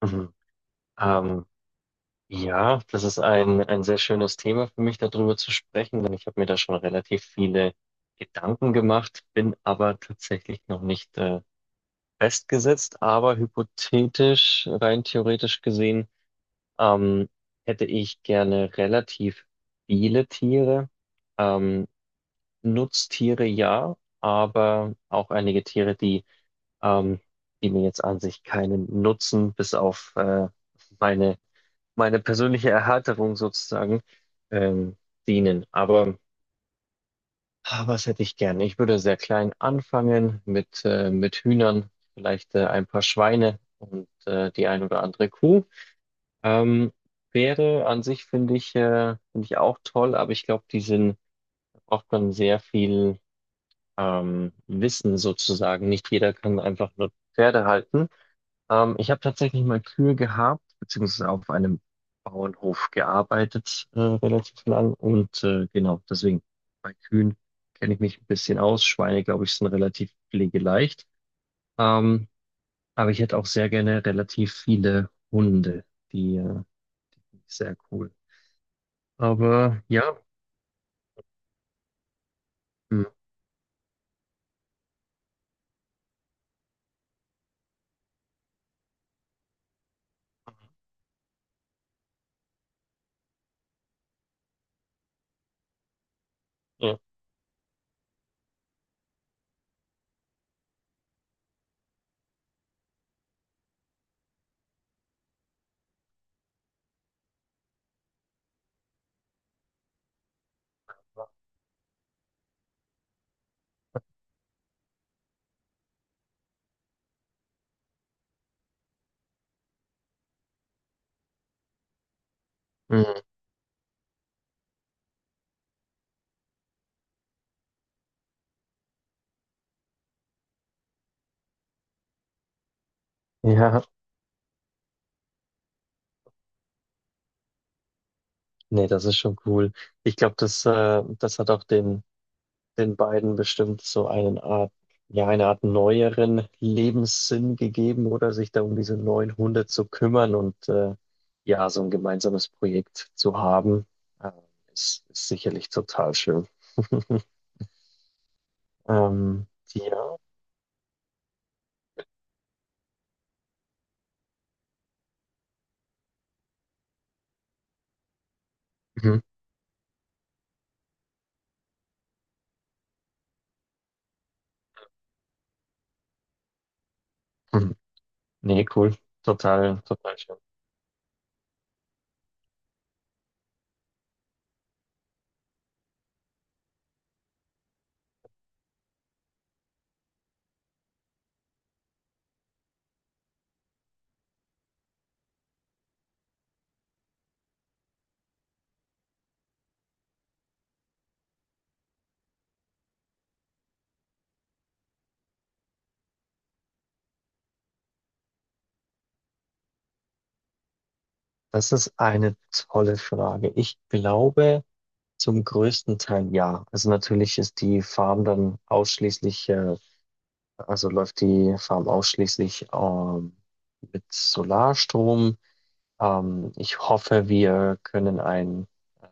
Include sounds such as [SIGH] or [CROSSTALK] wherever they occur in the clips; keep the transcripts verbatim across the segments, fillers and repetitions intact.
Mhm. Ähm, ja, das ist ein, ein sehr schönes Thema für mich, darüber zu sprechen, denn ich habe mir da schon relativ viele Gedanken gemacht, bin aber tatsächlich noch nicht äh, festgesetzt. Aber hypothetisch, rein theoretisch gesehen, ähm, hätte ich gerne relativ viele Tiere. Ähm, Nutztiere ja, aber auch einige Tiere, die, ähm, die mir jetzt an sich keinen Nutzen bis auf äh, meine meine persönliche Erhärterung sozusagen ähm, dienen. Aber ah, was hätte ich gern? Ich würde sehr klein anfangen mit, äh, mit Hühnern, vielleicht äh, ein paar Schweine und äh, die ein oder andere Kuh. Ähm, Pferde an sich finde ich, äh, finde ich auch toll, aber ich glaube, die sind, da braucht man sehr viel ähm, Wissen sozusagen. Nicht jeder kann einfach nur Pferde halten. Ähm, ich habe tatsächlich mal Kühe gehabt, beziehungsweise auf einem Bauernhof gearbeitet, äh, relativ lang. Und äh, genau, deswegen bei Kühen kenne ich mich ein bisschen aus. Schweine, glaube ich, sind relativ pflegeleicht. Ähm, aber ich hätte auch sehr gerne relativ viele Hunde. Die äh, Ist sehr cool. Aber ja. Hm. Ja. Mhm. Ja, nee, das ist schon cool. Ich glaube, das, äh, das hat auch den den beiden bestimmt so einen Art, ja, eine Art neueren Lebenssinn gegeben oder sich da um diese neuen Hunde zu kümmern und äh, ja, so ein gemeinsames Projekt zu haben, äh, ist, ist sicherlich total schön. [LAUGHS] Ähm, ja. Mhm. Mhm. Nee, cool. Total, total schön. Das ist eine tolle Frage. Ich glaube zum größten Teil ja. Also natürlich ist die Farm dann ausschließlich äh, Also läuft die Farm ausschließlich ähm, mit Solarstrom. Ähm, ich hoffe, wir können ein, äh,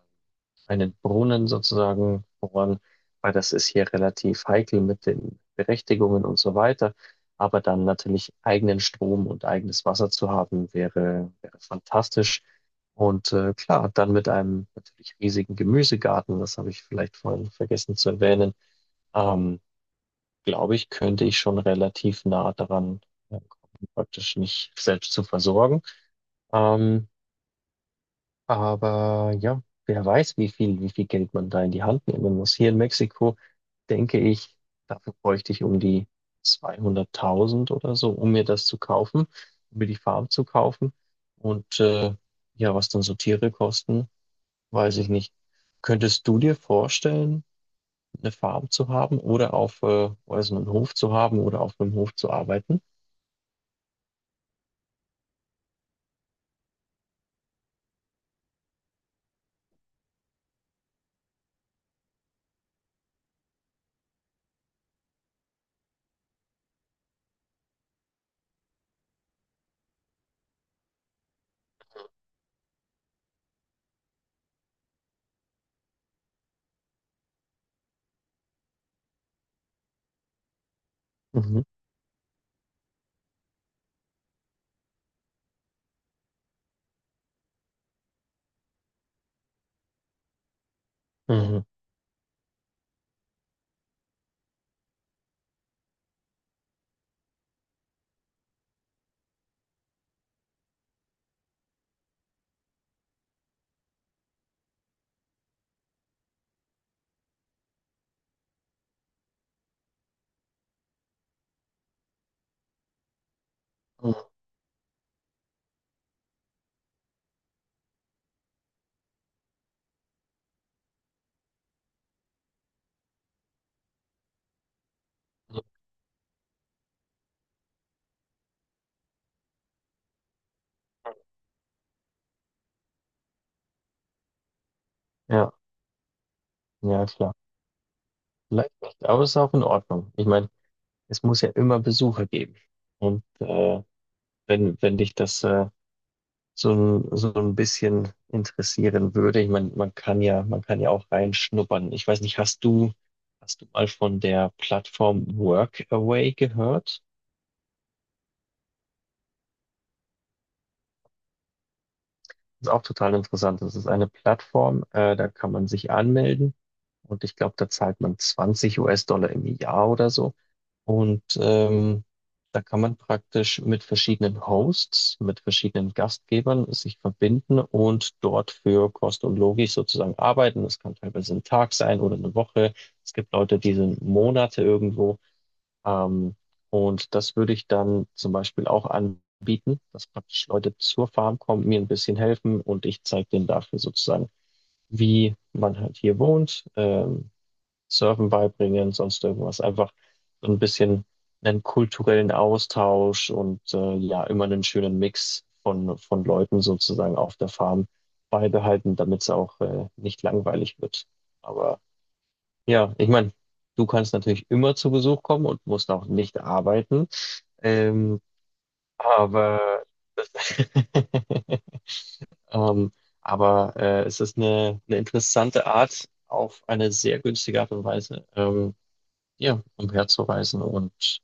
einen Brunnen sozusagen bohren, weil das ist hier relativ heikel mit den Berechtigungen und so weiter. Aber dann natürlich eigenen Strom und eigenes Wasser zu haben, wäre, wäre fantastisch. Und äh, klar, dann mit einem natürlich riesigen Gemüsegarten, das habe ich vielleicht vorhin vergessen zu erwähnen. Ähm, Glaube ich, könnte ich schon relativ nah daran äh, kommen, praktisch mich selbst zu versorgen. Ähm, aber ja, wer weiß, wie viel, wie viel Geld man da in die Hand nehmen muss. Hier in Mexiko denke ich, dafür bräuchte ich um die zweihunderttausend oder so, um mir das zu kaufen, um mir die Farm zu kaufen. Und äh, ja, was dann so Tiere kosten, weiß ich nicht. Könntest du dir vorstellen, eine Farm zu haben oder auf, äh, weiß einen Hof zu haben oder auf einem Hof zu arbeiten. Mhm. Mhm. Mhm. Ja, ja, klar. Vielleicht nicht, aber es ist auch in Ordnung. Ich meine, es muss ja immer Besucher geben. Und äh, wenn, wenn dich das äh, so ein, so ein bisschen interessieren würde, ich meine, man kann ja, man kann ja auch reinschnuppern. Ich weiß nicht, hast du, hast du mal von der Plattform Workaway gehört? Ist auch total interessant. Das ist eine Plattform, äh, da kann man sich anmelden und ich glaube, da zahlt man zwanzig U S-Dollar im Jahr oder so. Und ähm, da kann man praktisch mit verschiedenen Hosts, mit verschiedenen Gastgebern sich verbinden und dort für Kost und Logik sozusagen arbeiten. Das kann teilweise ein Tag sein oder eine Woche. Es gibt Leute, die sind Monate irgendwo. Ähm, und das würde ich dann zum Beispiel auch anbieten, dass praktisch Leute zur Farm kommen, mir ein bisschen helfen und ich zeige denen dafür sozusagen, wie man halt hier wohnt, ähm, Surfen beibringen, sonst irgendwas. Einfach so ein bisschen einen kulturellen Austausch und äh, ja, immer einen schönen Mix von, von Leuten sozusagen auf der Farm beibehalten, damit es auch äh, nicht langweilig wird. Aber ja, ich meine, du kannst natürlich immer zu Besuch kommen und musst auch nicht arbeiten. Ähm, aber das, [LAUGHS] ähm, aber äh, es ist eine, eine interessante Art, auf eine sehr günstige Art und Weise, ähm, ja, umherzureisen und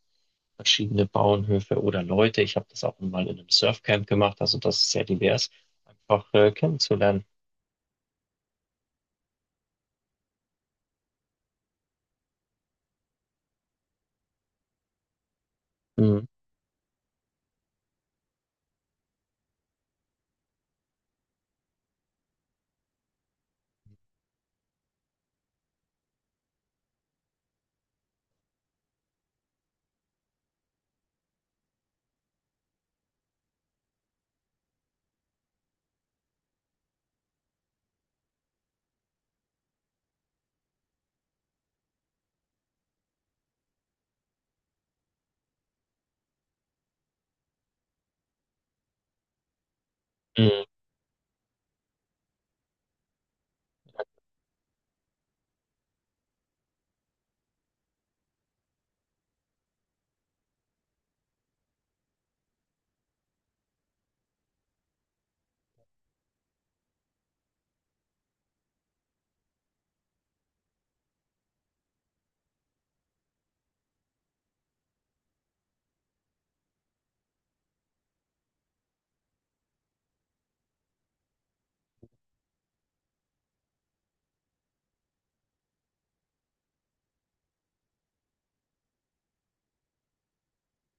verschiedene Bauernhöfe oder Leute. Ich habe das auch mal in einem Surfcamp gemacht, also das ist sehr divers, einfach äh, kennenzulernen. Mhm. Mhm.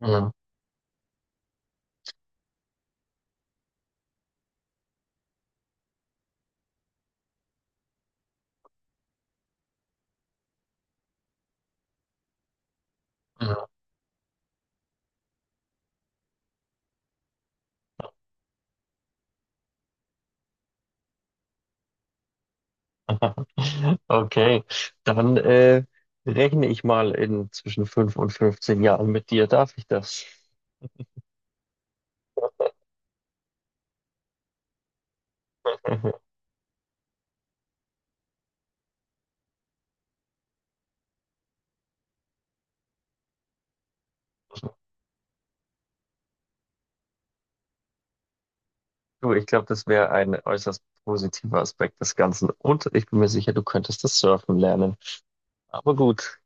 Mhm. Mhm. [LAUGHS] Okay, dann äh, rechne ich mal in zwischen fünf und fünfzehn Jahren mit dir. Darf ich das? [LAUGHS] Du, ich glaube, das wäre ein äußerst positiver Aspekt des Ganzen. Und ich bin mir sicher, du könntest das Surfen lernen. Aber gut,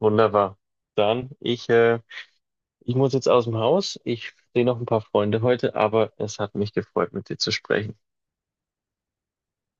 wunderbar. Dann, ich, äh, Ich muss jetzt aus dem Haus. Ich sehe noch ein paar Freunde heute, aber es hat mich gefreut, mit dir zu sprechen.